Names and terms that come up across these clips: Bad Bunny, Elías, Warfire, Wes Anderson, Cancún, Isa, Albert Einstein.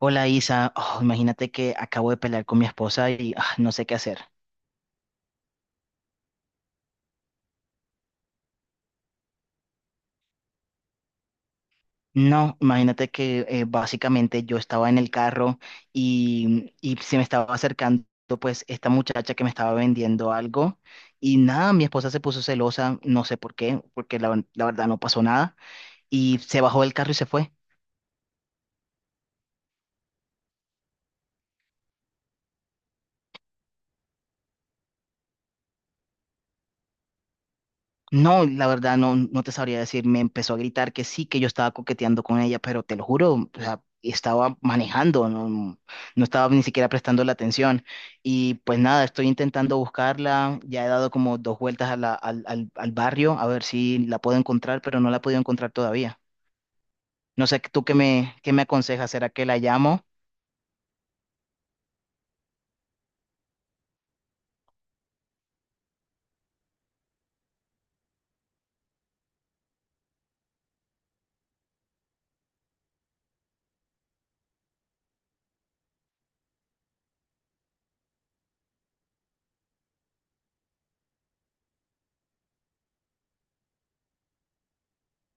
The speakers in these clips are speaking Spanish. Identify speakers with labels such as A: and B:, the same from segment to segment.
A: Hola Isa. Oh, imagínate que acabo de pelear con mi esposa y no sé qué hacer. No, imagínate que básicamente yo estaba en el carro y se me estaba acercando pues esta muchacha que me estaba vendiendo algo. Y nada, mi esposa se puso celosa, no sé por qué, porque la verdad no pasó nada y se bajó del carro y se fue. No, la verdad no, no te sabría decir. Me empezó a gritar que sí, que yo estaba coqueteando con ella, pero te lo juro, o sea, estaba manejando, no, no estaba ni siquiera prestando la atención. Y pues nada, estoy intentando buscarla, ya he dado como dos vueltas a al barrio a ver si la puedo encontrar, pero no la he podido encontrar todavía. No sé, ¿tú qué me aconsejas? ¿Será que la llamo?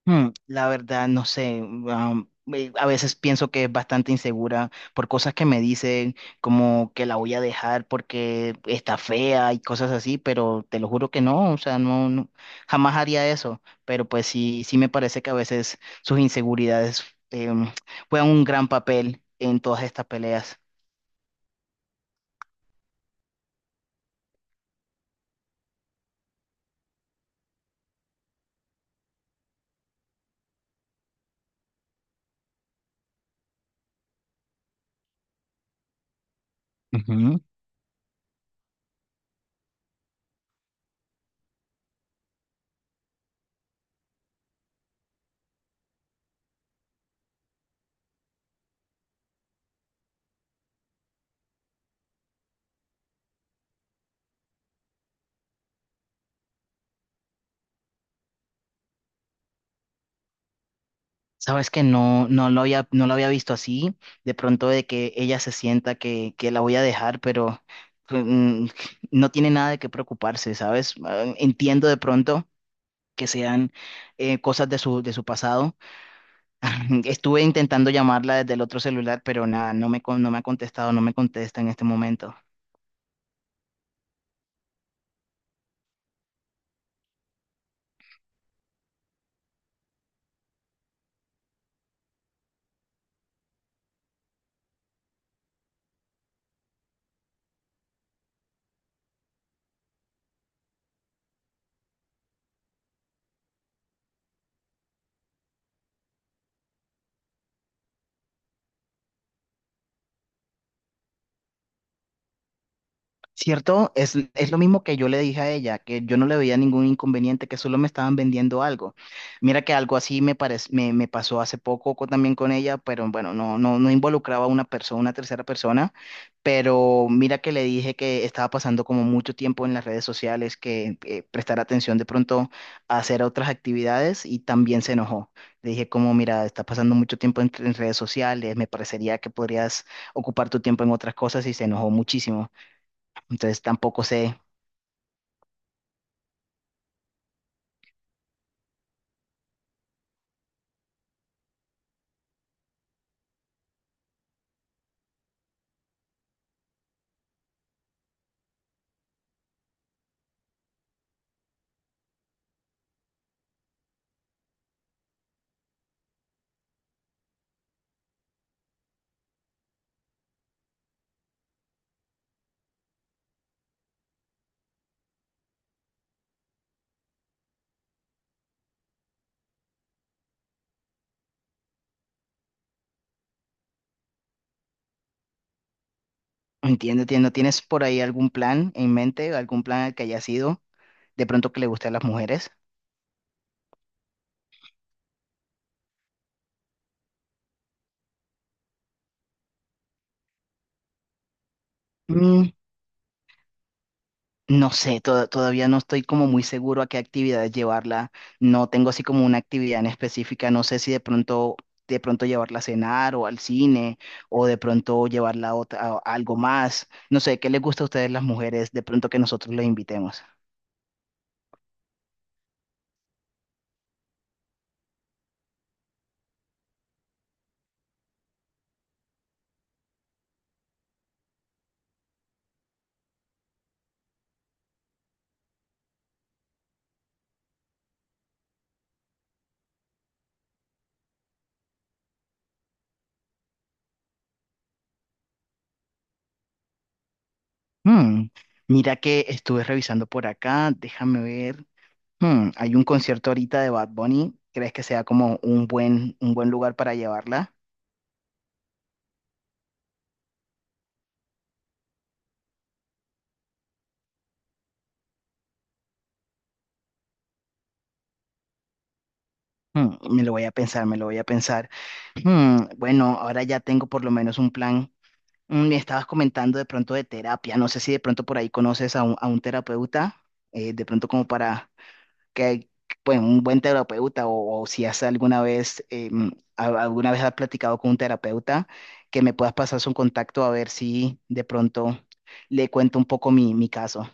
A: Hmm, la verdad, no sé. A veces pienso que es bastante insegura por cosas que me dicen, como que la voy a dejar porque está fea y cosas así, pero te lo juro que no, o sea, jamás haría eso. Pero pues sí, sí me parece que a veces sus inseguridades em, juegan un gran papel en todas estas peleas. Sabes que no, no lo había visto así, de pronto de que ella se sienta que la voy a dejar, pero pues, no tiene nada de qué preocuparse, ¿sabes? Ah, entiendo de pronto que sean cosas de de su pasado. Estuve intentando llamarla desde el otro celular, pero nada, no me ha contestado, no me contesta en este momento. ¿Cierto? Es lo mismo que yo le dije a ella, que yo no le veía ningún inconveniente, que solo me estaban vendiendo algo. Mira que algo así me pasó hace poco también con ella, pero bueno, no involucraba a una tercera persona, pero mira que le dije que estaba pasando como mucho tiempo en las redes sociales, que prestar atención de pronto a hacer otras actividades, y también se enojó. Le dije como, mira, estás pasando mucho tiempo en redes sociales, me parecería que podrías ocupar tu tiempo en otras cosas, y se enojó muchísimo. Entonces tampoco sé, entiendo, ¿no tienes por ahí algún plan en mente, algún plan al que haya sido de pronto que le guste a las mujeres? Mm, no sé, todavía no estoy como muy seguro a qué actividad llevarla. No tengo así como una actividad en específica. No sé si de pronto, de pronto llevarla a cenar o al cine o de pronto llevarla a algo más. No sé, ¿qué les gusta a ustedes las mujeres de pronto que nosotros les invitemos? Mm, mira que estuve revisando por acá, déjame ver. Hmm, hay un concierto ahorita de Bad Bunny. ¿Crees que sea como un un buen lugar para llevarla? Hmm, me lo voy a pensar, me lo voy a pensar. Hmm, bueno, ahora ya tengo por lo menos un plan. Mm, me estabas comentando de pronto de terapia. No sé si de pronto por ahí conoces a a un terapeuta, de pronto como para que, bueno, un buen terapeuta, o si has alguna vez, alguna vez has platicado con un terapeuta, que me puedas pasar su contacto a ver si de pronto le cuento un poco mi caso.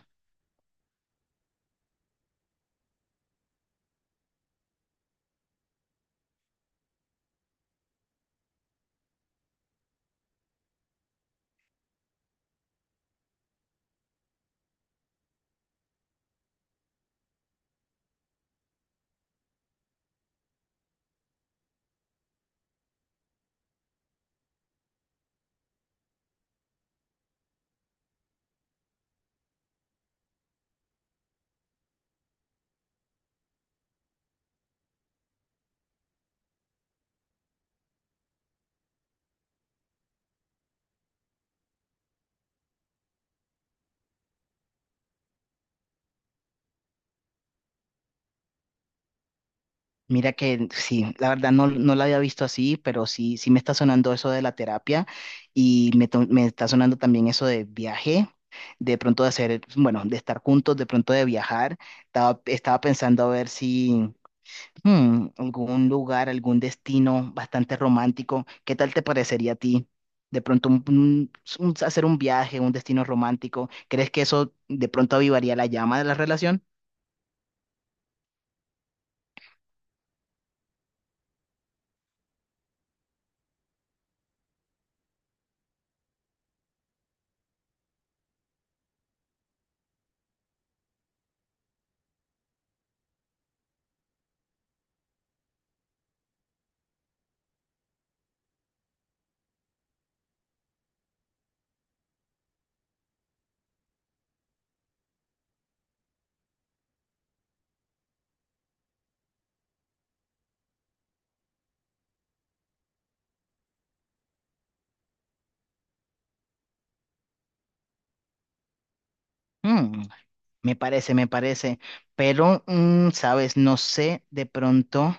A: Mira que sí, la verdad no, no la había visto así, pero sí, sí me está sonando eso de la terapia. Y me está sonando también eso de viaje, de pronto de hacer, bueno, de estar juntos, de pronto de viajar. Estaba pensando a ver si hmm, algún lugar, algún destino bastante romántico, ¿qué tal te parecería a ti? De pronto hacer un viaje, un destino romántico, ¿crees que eso de pronto avivaría la llama de la relación? Hmm. Me parece, pero, mm, sabes, no sé de pronto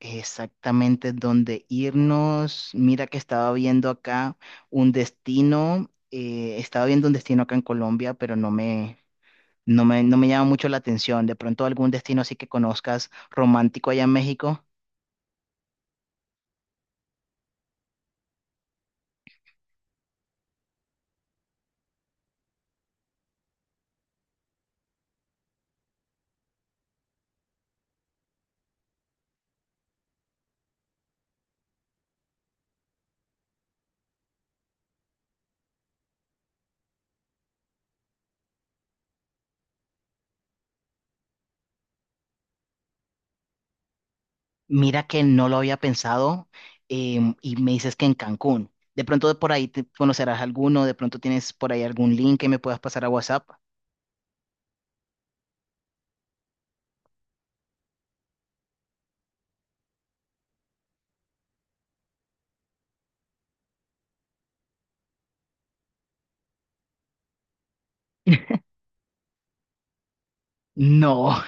A: exactamente dónde irnos. Mira que estaba viendo acá un destino, estaba viendo un destino acá en Colombia, pero no me llama mucho la atención. De pronto algún destino así que conozcas romántico allá en México. Mira que no lo había pensado, y me dices que en Cancún. De pronto de por ahí te conocerás alguno, de pronto tienes por ahí algún link que me puedas pasar a WhatsApp. No.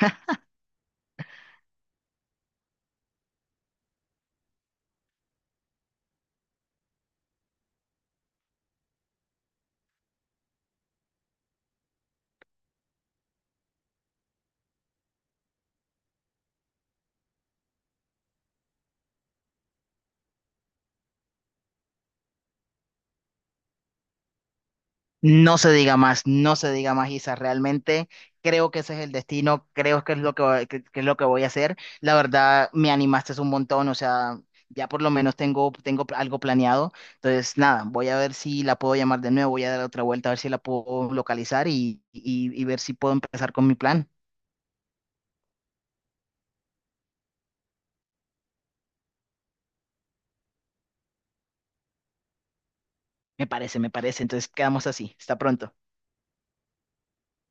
A: No se diga más, no se diga más, Isa. Realmente creo que ese es el destino, creo que es lo que, que es lo que voy a hacer. La verdad, me animaste un montón, o sea, ya por lo menos tengo algo planeado. Entonces, nada, voy a ver si la puedo llamar de nuevo, voy a dar otra vuelta a ver si la puedo localizar y, y ver si puedo empezar con mi plan. Me parece, me parece. Entonces, quedamos así. Hasta pronto.